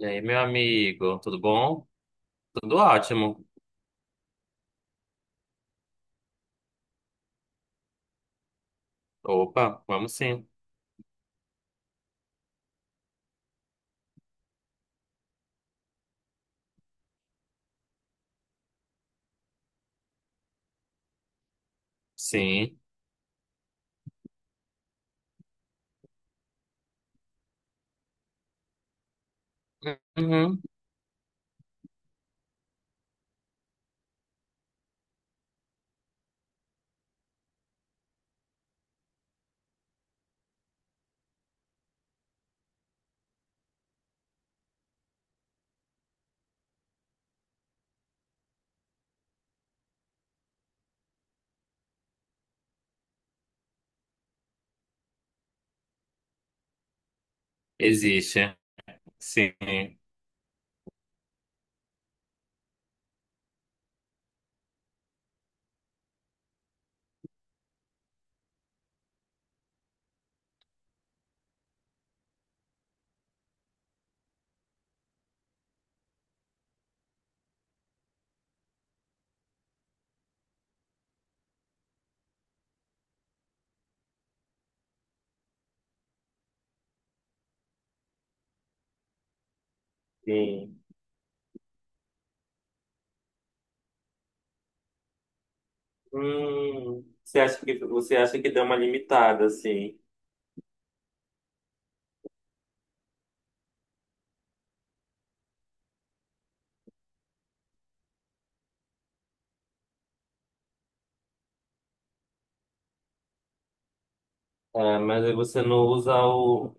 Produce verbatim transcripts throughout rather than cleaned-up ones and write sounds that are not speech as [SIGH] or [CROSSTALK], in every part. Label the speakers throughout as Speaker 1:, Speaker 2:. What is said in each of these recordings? Speaker 1: E aí, meu amigo, tudo bom? Tudo ótimo. Opa, vamos sim. Sim. Uhum. Existe. Sim. Sim. Hum, você acha que você acha que deu uma limitada, assim? É, mas aí você não usa o.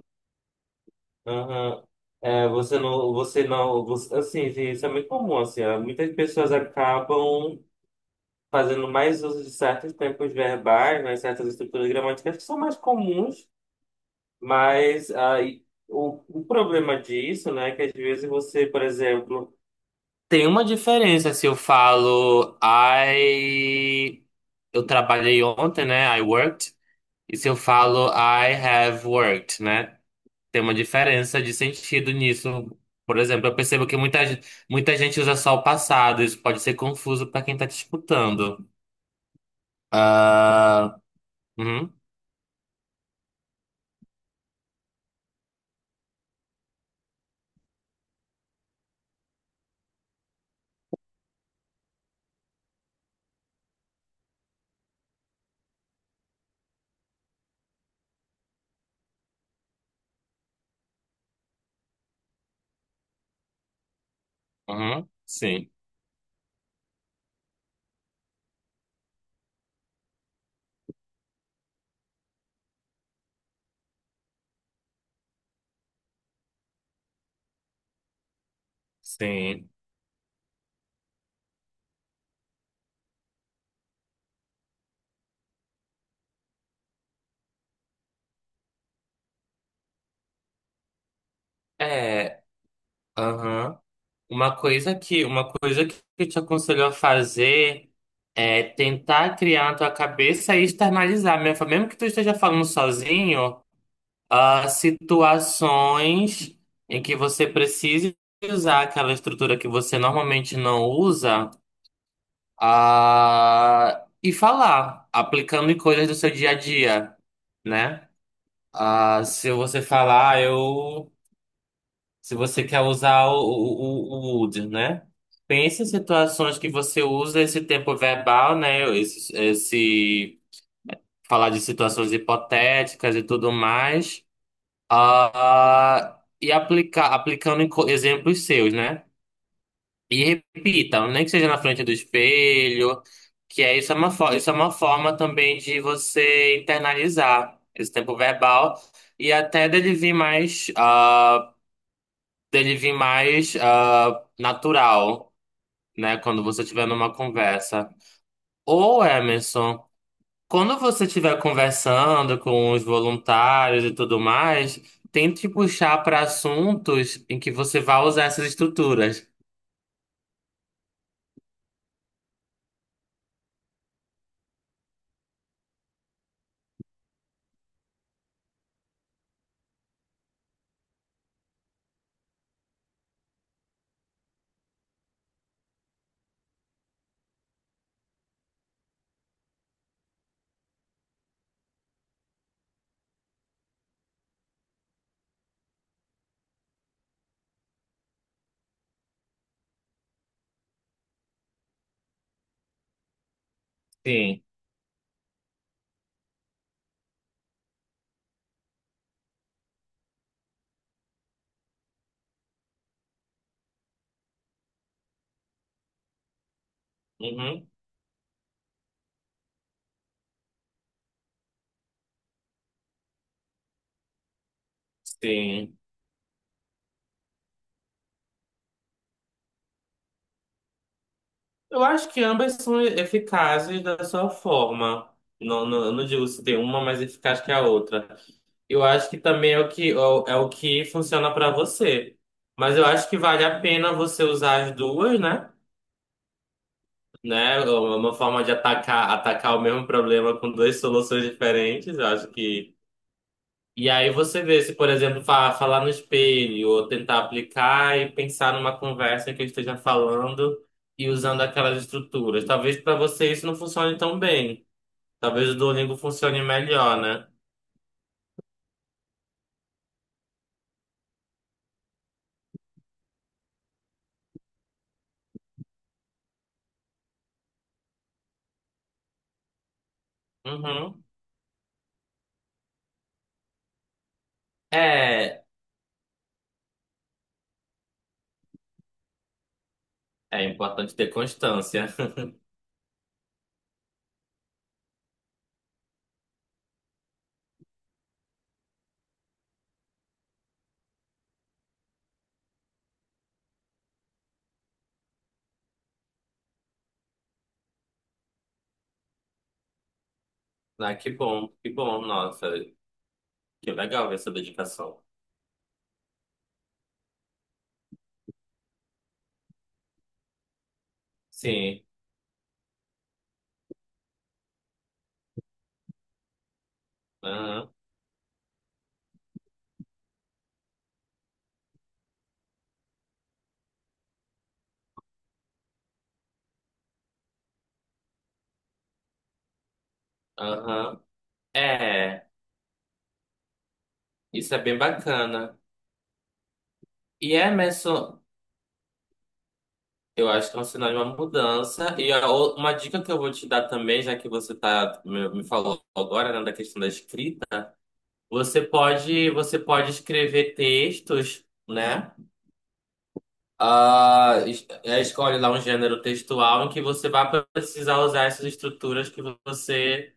Speaker 1: Aham. É, você não. Você não. Você- assim, gente, isso é muito comum, assim. Ó, muitas pessoas acabam fazendo mais uso de certos tempos verbais, né, certas estruturas gramaticais que são mais comuns. Mas aí, o, o problema disso, né, é que às vezes você, por exemplo, tem uma diferença se eu falo I eu trabalhei ontem, né? I worked, e se eu falo I have worked, né? Tem uma diferença de sentido nisso. Por exemplo, eu percebo que muita, ge- muita gente usa só o passado, isso pode ser confuso para quem tá te escutando. Ah, uhum, uhum, sim, sim. É, aham. Uma coisa que, uma coisa que eu te aconselho a fazer é tentar criar na tua cabeça e externalizar, mesmo mesmo que tu esteja falando sozinho, ah, situações em que você precise usar aquela estrutura que você normalmente não usa, ah, e falar, aplicando em coisas do seu dia a dia, né? Ah, se você falar, "Ah, eu se você quer usar o, o, o o would, né? Pense em situações que você usa esse tempo verbal, né? Esse, esse falar de situações hipotéticas e tudo mais. Ah e aplicar, aplicando em co- exemplos seus, né? E repita, nem que seja na frente do espelho, que é isso é uma, fo- isso é uma forma também de você internalizar esse tempo verbal e até dele vir mais. Ah, dele vir mais ah, natural, né? Quando você tiver numa conversa. Ou, Emerson, quando você estiver conversando com os voluntários e tudo mais, tente puxar para assuntos em que você vai usar essas estruturas. Sim. Uhum. Sim. Eu acho que ambas são eficazes da sua forma. Não, não, eu não digo se tem uma mais eficaz que a outra. Eu acho que também é o que, é o é o que funciona para você. Mas eu acho que vale a pena você usar as duas, né? Né? É uma forma de atacar, atacar o mesmo problema com duas [LAUGHS] soluções diferentes. Eu acho que. E aí você vê se, por exemplo, fa- falar no espelho, ou tentar aplicar e pensar numa conversa que eu esteja falando e usando aquelas estruturas. Talvez para você isso não funcione tão bem. Talvez o Duolingo funcione melhor, né? Uhum. É, é importante ter constância. Ah, que bom, que bom, nossa, que legal essa dedicação. Sim, aham, aham. É, isso é bem bacana. E é, Emerson, eu acho que é um sinal de uma mudança. E a o- uma dica que eu vou te dar também, já que você tá, me, me falou agora, né, da questão da escrita, você pode, você pode escrever textos, né? Ah, es- é, escolhe lá um gênero textual em que você vai precisar usar essas estruturas que você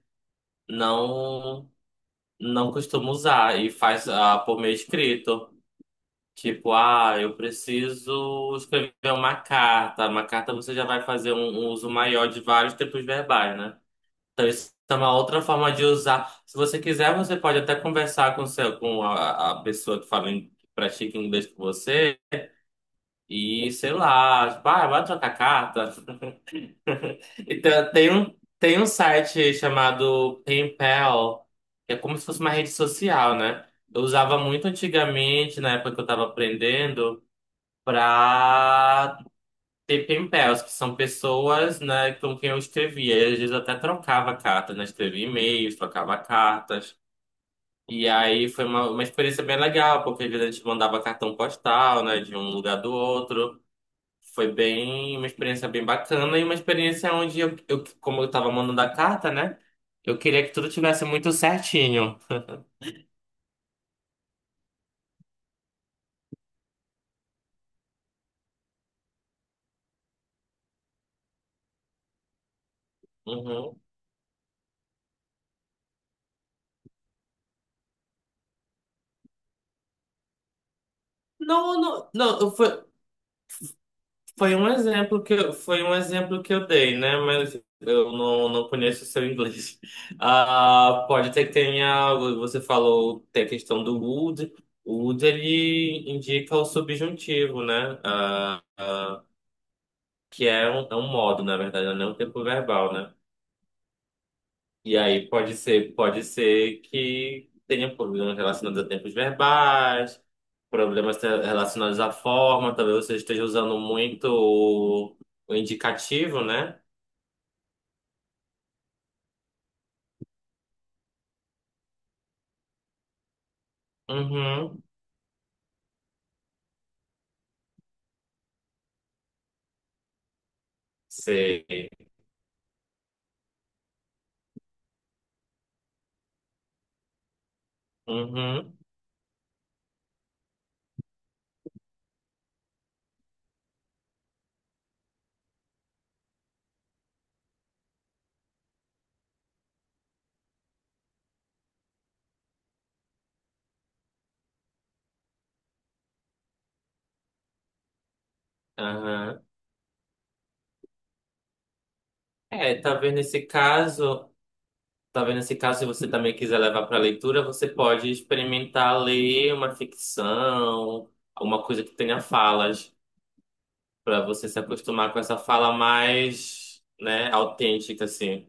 Speaker 1: não. Não costumo usar e faz ah, por meio escrito. Tipo, ah, eu preciso escrever uma carta. Uma carta você já vai fazer um, um uso maior de vários tempos verbais, né? Então isso é uma outra forma de usar. Se você quiser, você pode até conversar com, seu, com a, a pessoa que fala, em- que pratica inglês com você e, sei lá, tipo, ah, vai trocar carta. Então, tem um, tem um site chamado PenPal, que é como se fosse uma rede social, né? Eu usava muito antigamente, na época que eu estava aprendendo, para ter PenPals, que são pessoas, né, com quem eu escrevia. E às vezes eu até trocava cartas, né? Escrevia e-mails, trocava cartas. E aí foi uma, uma experiência bem legal, porque às vezes a gente mandava cartão postal, né, de um lugar do outro. Foi bem, uma experiência bem bacana e uma experiência onde eu, eu- como eu tava mandando a carta, né? Eu queria que tudo tivesse muito certinho. Uhum. Não, não, não, eu- foi, foi um exemplo que eu, foi um exemplo que eu dei, né? Mas eu não, não conheço o seu inglês. [LAUGHS] Ah, pode ter que tenha, você falou, tem a questão do would. O would, ele indica o subjuntivo, né? Ah, que é um, é um modo, na verdade, não é um tempo verbal, né? E aí pode ser, pode ser que tenha problemas relacionados a tempos verbais, problemas te- relacionados à forma, talvez você esteja usando muito o, o indicativo, né? Uhum. Sei. Uhum. Aham. É, talvez nesse caso, talvez nesse caso, se você também quiser levar para leitura, você pode experimentar ler uma ficção, alguma coisa que tenha falas. Para você se acostumar com essa fala mais, né, autêntica, assim.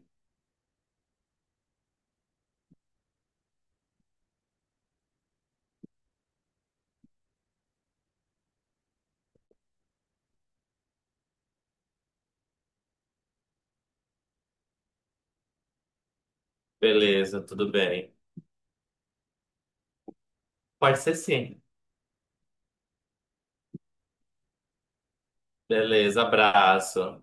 Speaker 1: Beleza, tudo bem. Pode ser sim. Beleza, abraço.